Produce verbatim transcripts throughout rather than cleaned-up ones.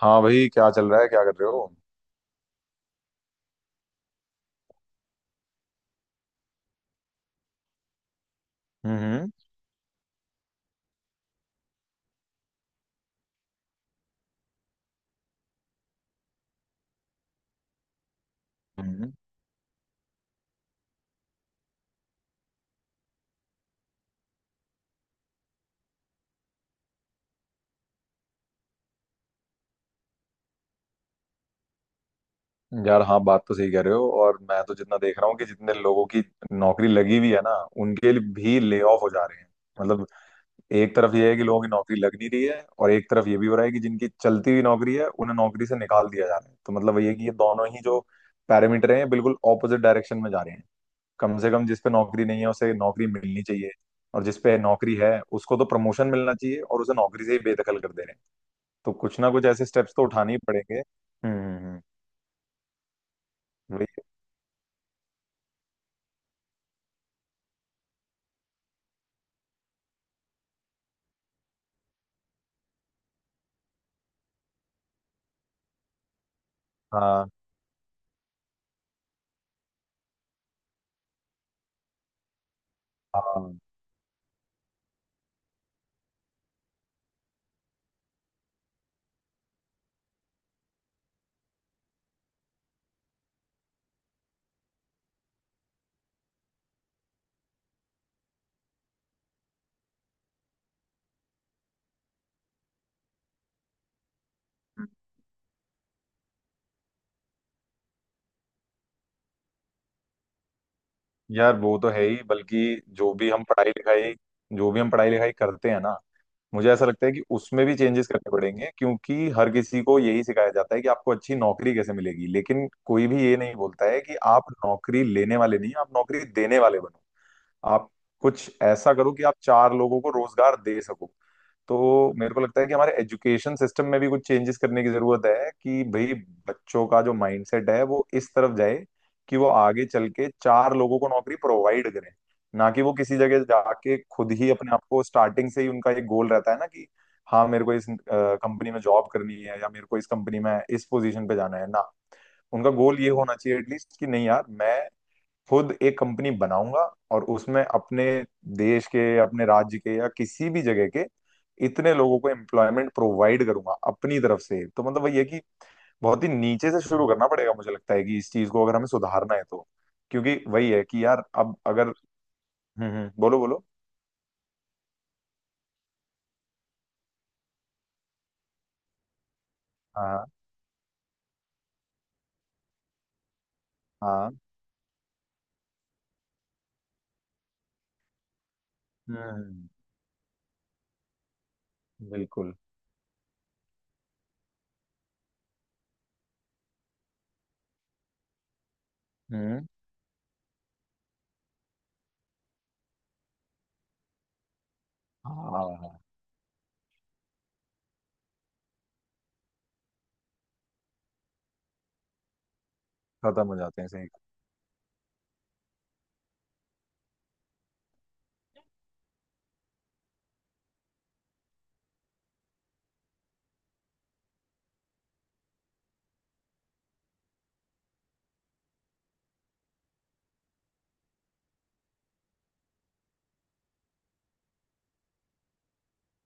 हाँ भाई, क्या चल रहा है? क्या कर रहे हो? हम्म। हम्म। हम्म। यार हाँ, बात तो सही कह रहे हो। और मैं तो जितना देख रहा हूँ कि जितने लोगों की नौकरी लगी हुई है ना, उनके लिए भी ले ऑफ हो जा रहे हैं। मतलब एक तरफ ये है कि लोगों की नौकरी लग नहीं रही है और एक तरफ ये भी हो रहा है कि जिनकी चलती हुई नौकरी है उन्हें नौकरी से निकाल दिया जा रहा है। तो मतलब वही है कि ये दोनों ही जो पैरामीटर हैं बिल्कुल ऑपोजिट डायरेक्शन में जा रहे हैं। कम से कम जिस पे नौकरी नहीं है उसे नौकरी मिलनी चाहिए, और जिस पे नौकरी है उसको तो प्रमोशन मिलना चाहिए, और उसे नौकरी से ही बेदखल कर दे रहे हैं। तो कुछ ना कुछ ऐसे स्टेप्स तो उठाने ही पड़ेंगे। हम्म, हम्म, हम्म। वही। हाँ, हाँ। यार वो तो है ही। बल्कि जो भी हम पढ़ाई लिखाई जो भी हम पढ़ाई लिखाई करते हैं ना, मुझे ऐसा लगता है कि उसमें भी चेंजेस करने पड़ेंगे, क्योंकि हर किसी को यही सिखाया जाता है कि आपको अच्छी नौकरी कैसे मिलेगी, लेकिन कोई भी ये नहीं बोलता है कि आप नौकरी लेने वाले नहीं, आप नौकरी देने वाले बनो। आप कुछ ऐसा करो कि आप चार लोगों को रोजगार दे सको। तो मेरे को लगता है कि हमारे एजुकेशन सिस्टम में भी कुछ चेंजेस करने की जरूरत है कि भाई, बच्चों का जो माइंडसेट है वो इस तरफ जाए कि वो आगे चल के चार लोगों को नौकरी प्रोवाइड करें, ना कि वो किसी जगह जाके खुद ही अपने आप को स्टार्टिंग से ही उनका एक गोल रहता है ना, कि हाँ मेरे को इस कंपनी में जॉब करनी है या मेरे को इस कंपनी में इस पोजीशन पे जाना है। ना, उनका गोल ये होना चाहिए एटलीस्ट कि नहीं यार, मैं खुद एक कंपनी बनाऊंगा और उसमें अपने देश के, अपने राज्य के, या किसी भी जगह के इतने लोगों को एम्प्लॉयमेंट प्रोवाइड करूंगा अपनी तरफ से। तो मतलब वही है कि बहुत ही नीचे से शुरू करना पड़ेगा। मुझे लगता है कि इस चीज को अगर हमें सुधारना है तो, क्योंकि वही है कि यार अब अगर। हम्म, हम्म। बोलो, बोलो। हाँ, हाँ। हम्म। हम्म, हम्म। बिल्कुल। हम्म। हाँ, हाँ, हाँ। खत्म हो जाते हैं, सही।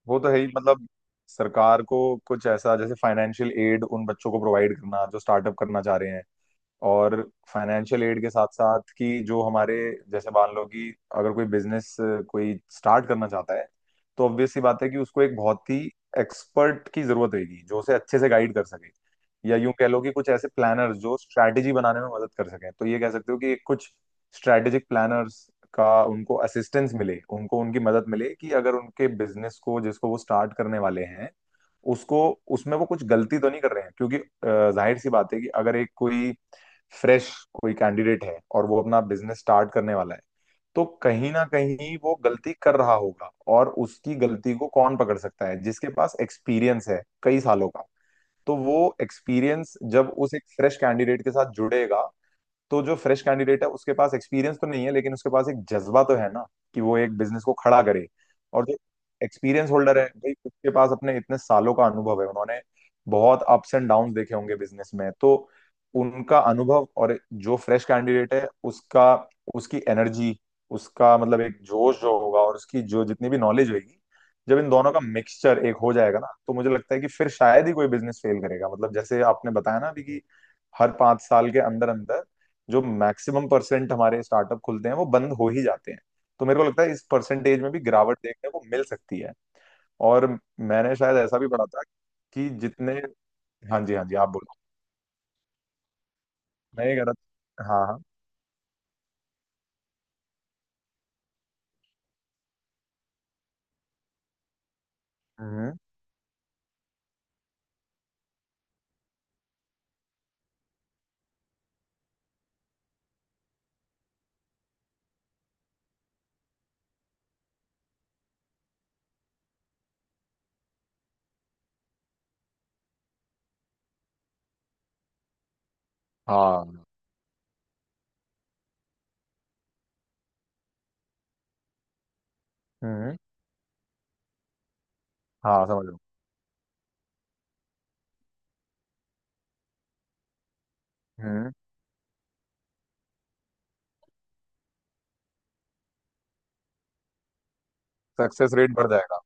वो तो है ही मतलब, सरकार को कुछ ऐसा जैसे फाइनेंशियल एड उन बच्चों को प्रोवाइड करना जो स्टार्टअप करना चाह रहे हैं। और फाइनेंशियल एड के साथ साथ कि जो हमारे, जैसे मान लो कि अगर कोई बिजनेस कोई स्टार्ट करना चाहता है, तो ऑब्वियस सी बात है कि उसको एक बहुत ही एक्सपर्ट की जरूरत रहेगी जो उसे अच्छे से गाइड कर सके। या यूं कह लो कि कुछ ऐसे प्लानर्स जो स्ट्रैटेजी बनाने में मदद कर सकें, तो ये कह सकते हो कि कुछ स्ट्रैटेजिक प्लानर्स का उनको असिस्टेंस मिले, उनको उनकी मदद मिले, कि अगर उनके बिजनेस को जिसको वो स्टार्ट करने वाले हैं उसको, उसमें वो कुछ गलती तो नहीं कर रहे हैं। क्योंकि अ, जाहिर सी बात है कि अगर एक कोई फ्रेश कोई कैंडिडेट है और वो अपना बिजनेस स्टार्ट करने वाला है, तो कहीं ना कहीं वो गलती कर रहा होगा। और उसकी गलती को कौन पकड़ सकता है? जिसके पास एक्सपीरियंस है कई सालों का। तो वो एक्सपीरियंस जब उस एक फ्रेश कैंडिडेट के साथ जुड़ेगा, तो जो फ्रेश कैंडिडेट है उसके पास एक्सपीरियंस तो नहीं है, लेकिन उसके पास एक जज्बा तो है ना कि वो एक बिजनेस को खड़ा करे। और जो एक्सपीरियंस होल्डर है भाई, उसके पास अपने इतने सालों का अनुभव है, उन्होंने बहुत अप्स एंड डाउन्स देखे होंगे बिजनेस में। तो उनका अनुभव, और जो फ्रेश कैंडिडेट है उसका, उसकी एनर्जी, उसका मतलब एक जोश जो होगा, और उसकी जो जितनी भी नॉलेज होगी, जब इन दोनों का मिक्सचर एक हो जाएगा ना, तो मुझे लगता है कि फिर शायद ही कोई बिजनेस फेल करेगा। मतलब जैसे आपने बताया ना अभी कि हर पांच साल के अंदर अंदर जो मैक्सिमम परसेंट हमारे स्टार्टअप खुलते हैं वो बंद हो ही जाते हैं। तो मेरे को लगता है इस परसेंटेज में भी गिरावट देखने को मिल सकती है। और मैंने शायद ऐसा भी पढ़ा था कि जितने। हाँ जी, हाँ जी, आप बोलो। मैं ये कह रहा था, हाँ हाँ। हम्म। हाँ। हम्म। हाँ, समझ लो। हम्म। सक्सेस रेट बढ़ जाएगा।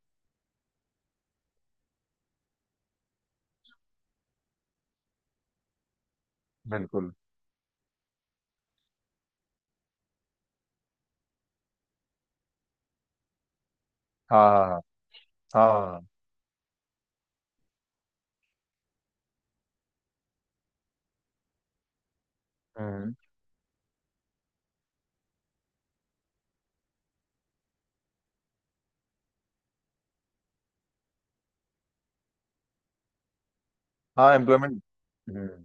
बिल्कुल। हाँ, हाँ, हाँ। हाँ, हाँ, हम्म। हाँ, एम्प्लॉयमेंट। हम्म।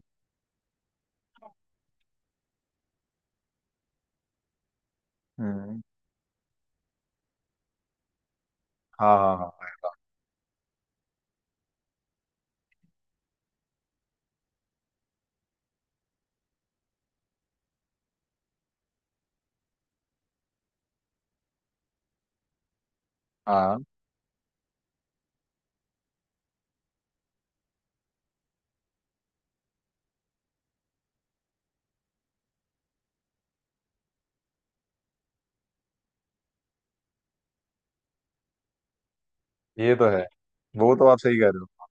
हम्म। हाँ, हाँ, हाँ, हाँ। ये तो है, वो तो आप सही कह रहे हो।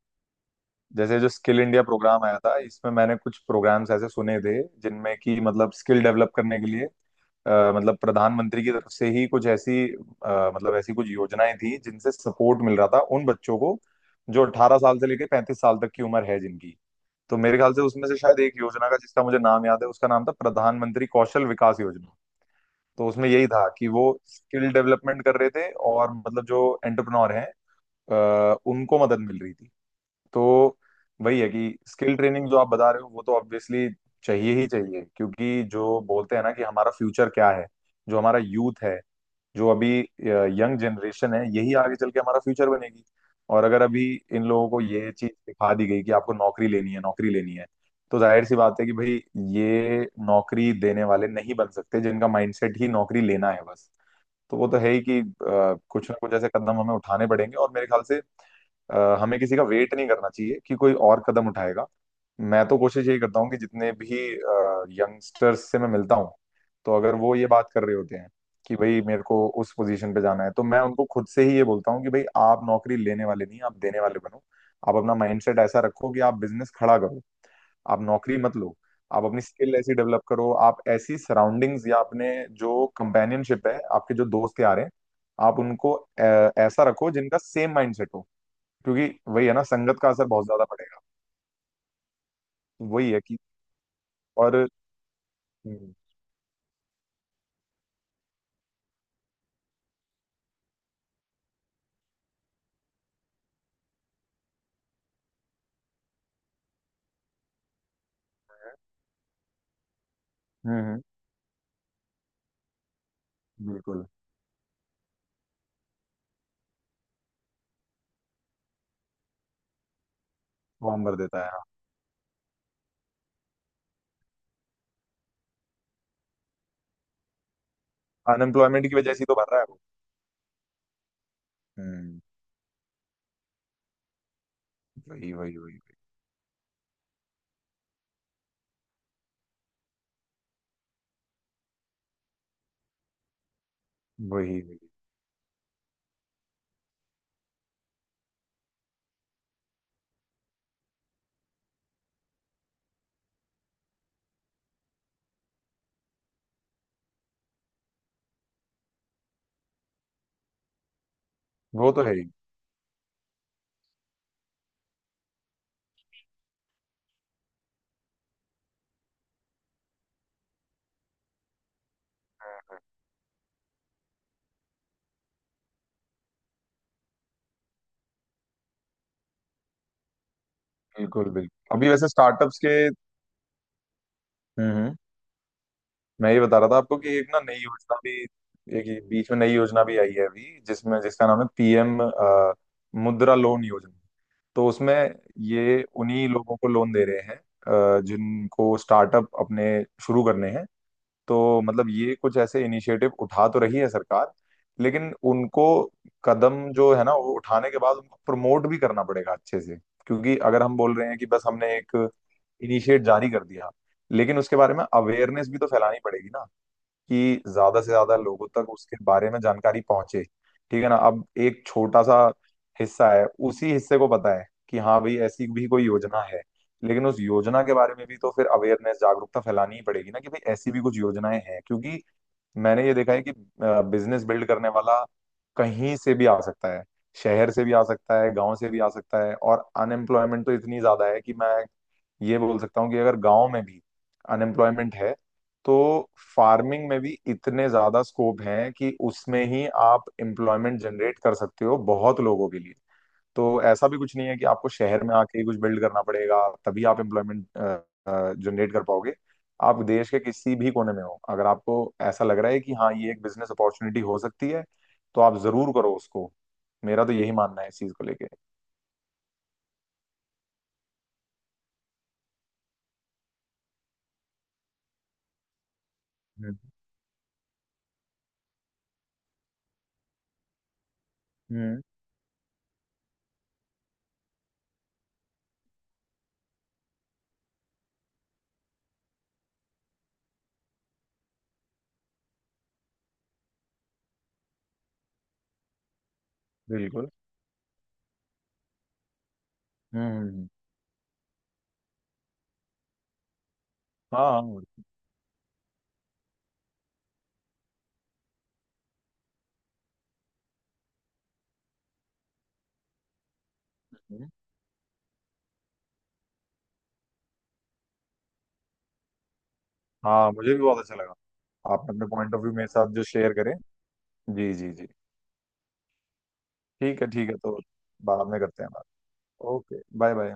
जैसे जो स्किल इंडिया प्रोग्राम आया था, इसमें मैंने कुछ प्रोग्राम्स ऐसे सुने थे जिनमें कि मतलब स्किल डेवलप करने के लिए अ, मतलब प्रधानमंत्री की तरफ से ही कुछ ऐसी अ, मतलब ऐसी कुछ योजनाएं थी जिनसे सपोर्ट मिल रहा था उन बच्चों को जो अठारह साल से लेकर पैंतीस साल तक की उम्र है जिनकी। तो मेरे ख्याल से उसमें से शायद एक योजना का जिसका मुझे नाम याद है, उसका नाम था प्रधानमंत्री कौशल विकास योजना। तो उसमें यही था कि वो स्किल डेवलपमेंट कर रहे थे, और मतलब जो एंटरप्रेन्योर हैं अ, उनको मदद मिल रही थी। तो वही है कि स्किल ट्रेनिंग जो आप बता रहे हो वो तो ऑब्वियसली चाहिए ही चाहिए, क्योंकि जो बोलते हैं ना कि हमारा फ्यूचर क्या है, जो हमारा यूथ है, जो अभी यंग जनरेशन है, यही आगे चल के हमारा फ्यूचर बनेगी। और अगर अभी इन लोगों को ये चीज सिखा दी गई कि आपको नौकरी लेनी है, नौकरी लेनी है, तो जाहिर सी बात है कि भाई ये नौकरी देने वाले नहीं बन सकते जिनका माइंडसेट ही नौकरी लेना है बस। तो वो तो है ही कि अ, कुछ ना कुछ ऐसे कदम हमें उठाने पड़ेंगे। और मेरे ख्याल से अ, हमें किसी का वेट नहीं करना चाहिए कि कोई और कदम उठाएगा। मैं तो कोशिश यही करता हूँ कि जितने भी यंगस्टर्स से मैं मिलता हूँ, तो अगर वो ये बात कर रहे होते हैं कि भाई मेरे को उस पोजीशन पे जाना है, तो मैं उनको खुद से ही ये बोलता हूँ कि भाई आप नौकरी लेने वाले नहीं, आप देने वाले बनो। आप अपना माइंडसेट ऐसा रखो कि आप बिजनेस खड़ा करो, आप नौकरी मत लो। आप अपनी स्किल ऐसी डेवलप करो, आप ऐसी सराउंडिंग्स या अपने जो कंपेनियनशिप है, आपके जो दोस्त यार हैं, आप उनको अ, ऐसा रखो जिनका सेम माइंडसेट हो, क्योंकि वही है ना, संगत का असर बहुत ज्यादा पड़ेगा। वही है कि, और। हम्म, हम्म, बिल्कुल। फॉर्म भर देता है। अनएम्प्लॉयमेंट की वजह से ही तो भर रहा है वो। हम्म। वही, वही, वही। वही, वही, वही। वो तो है ही। बिल्कुल, बिल्कुल। अभी वैसे स्टार्टअप्स के। हम्म, हम्म। मैं ये बता रहा था आपको कि एक ना नई योजना भी, एक ये बीच में नई योजना भी आई है अभी, जिसमें जिसका नाम है पीएम मुद्रा लोन योजना। तो उसमें ये उन्हीं लोगों को लोन दे रहे हैं अ, जिनको स्टार्टअप अपने शुरू करने हैं। तो मतलब ये कुछ ऐसे इनिशिएटिव उठा तो रही है सरकार, लेकिन उनको कदम जो है ना वो उठाने के बाद उनको प्रमोट भी करना पड़ेगा अच्छे से। क्योंकि अगर हम बोल रहे हैं कि बस हमने एक इनिशिएट जारी कर दिया, लेकिन उसके बारे में अवेयरनेस भी तो फैलानी पड़ेगी ना, कि ज्यादा से ज्यादा लोगों तक उसके बारे में जानकारी पहुंचे। ठीक है ना? अब एक छोटा सा हिस्सा है, उसी हिस्से को पता है कि हाँ भाई, ऐसी भी कोई योजना है, लेकिन उस योजना के बारे में भी तो फिर अवेयरनेस, जागरूकता फैलानी ही पड़ेगी ना, कि भाई ऐसी भी कुछ योजनाएं हैं। क्योंकि मैंने ये देखा है कि बिजनेस बिल्ड करने वाला कहीं से भी आ सकता है, शहर से भी आ सकता है, गांव से भी आ सकता है। और अनएम्प्लॉयमेंट तो इतनी ज्यादा है कि मैं ये बोल सकता हूँ कि अगर गांव में भी अनएम्प्लॉयमेंट है तो फार्मिंग में भी इतने ज्यादा स्कोप हैं कि उसमें ही आप एम्प्लॉयमेंट जनरेट कर सकते हो बहुत लोगों के लिए। तो ऐसा भी कुछ नहीं है कि आपको शहर में आके ही कुछ बिल्ड करना पड़ेगा तभी आप एम्प्लॉयमेंट जनरेट कर पाओगे। आप देश के किसी भी कोने में हो, अगर आपको ऐसा लग रहा है कि हाँ ये एक बिजनेस अपॉर्चुनिटी हो सकती है, तो आप जरूर करो उसको। मेरा तो यही मानना है इस चीज को लेके। हम्म, हम्म, बिल्कुल। हम्म, हम्म। हाँ, हाँ। हम्म। हाँ, मुझे भी बहुत अच्छा लगा। आपने अपने पॉइंट ऑफ व्यू मेरे साथ जो शेयर करें। जी जी जी। ठीक है, ठीक है, तो बाद में करते हैं बात। Okay, bye bye.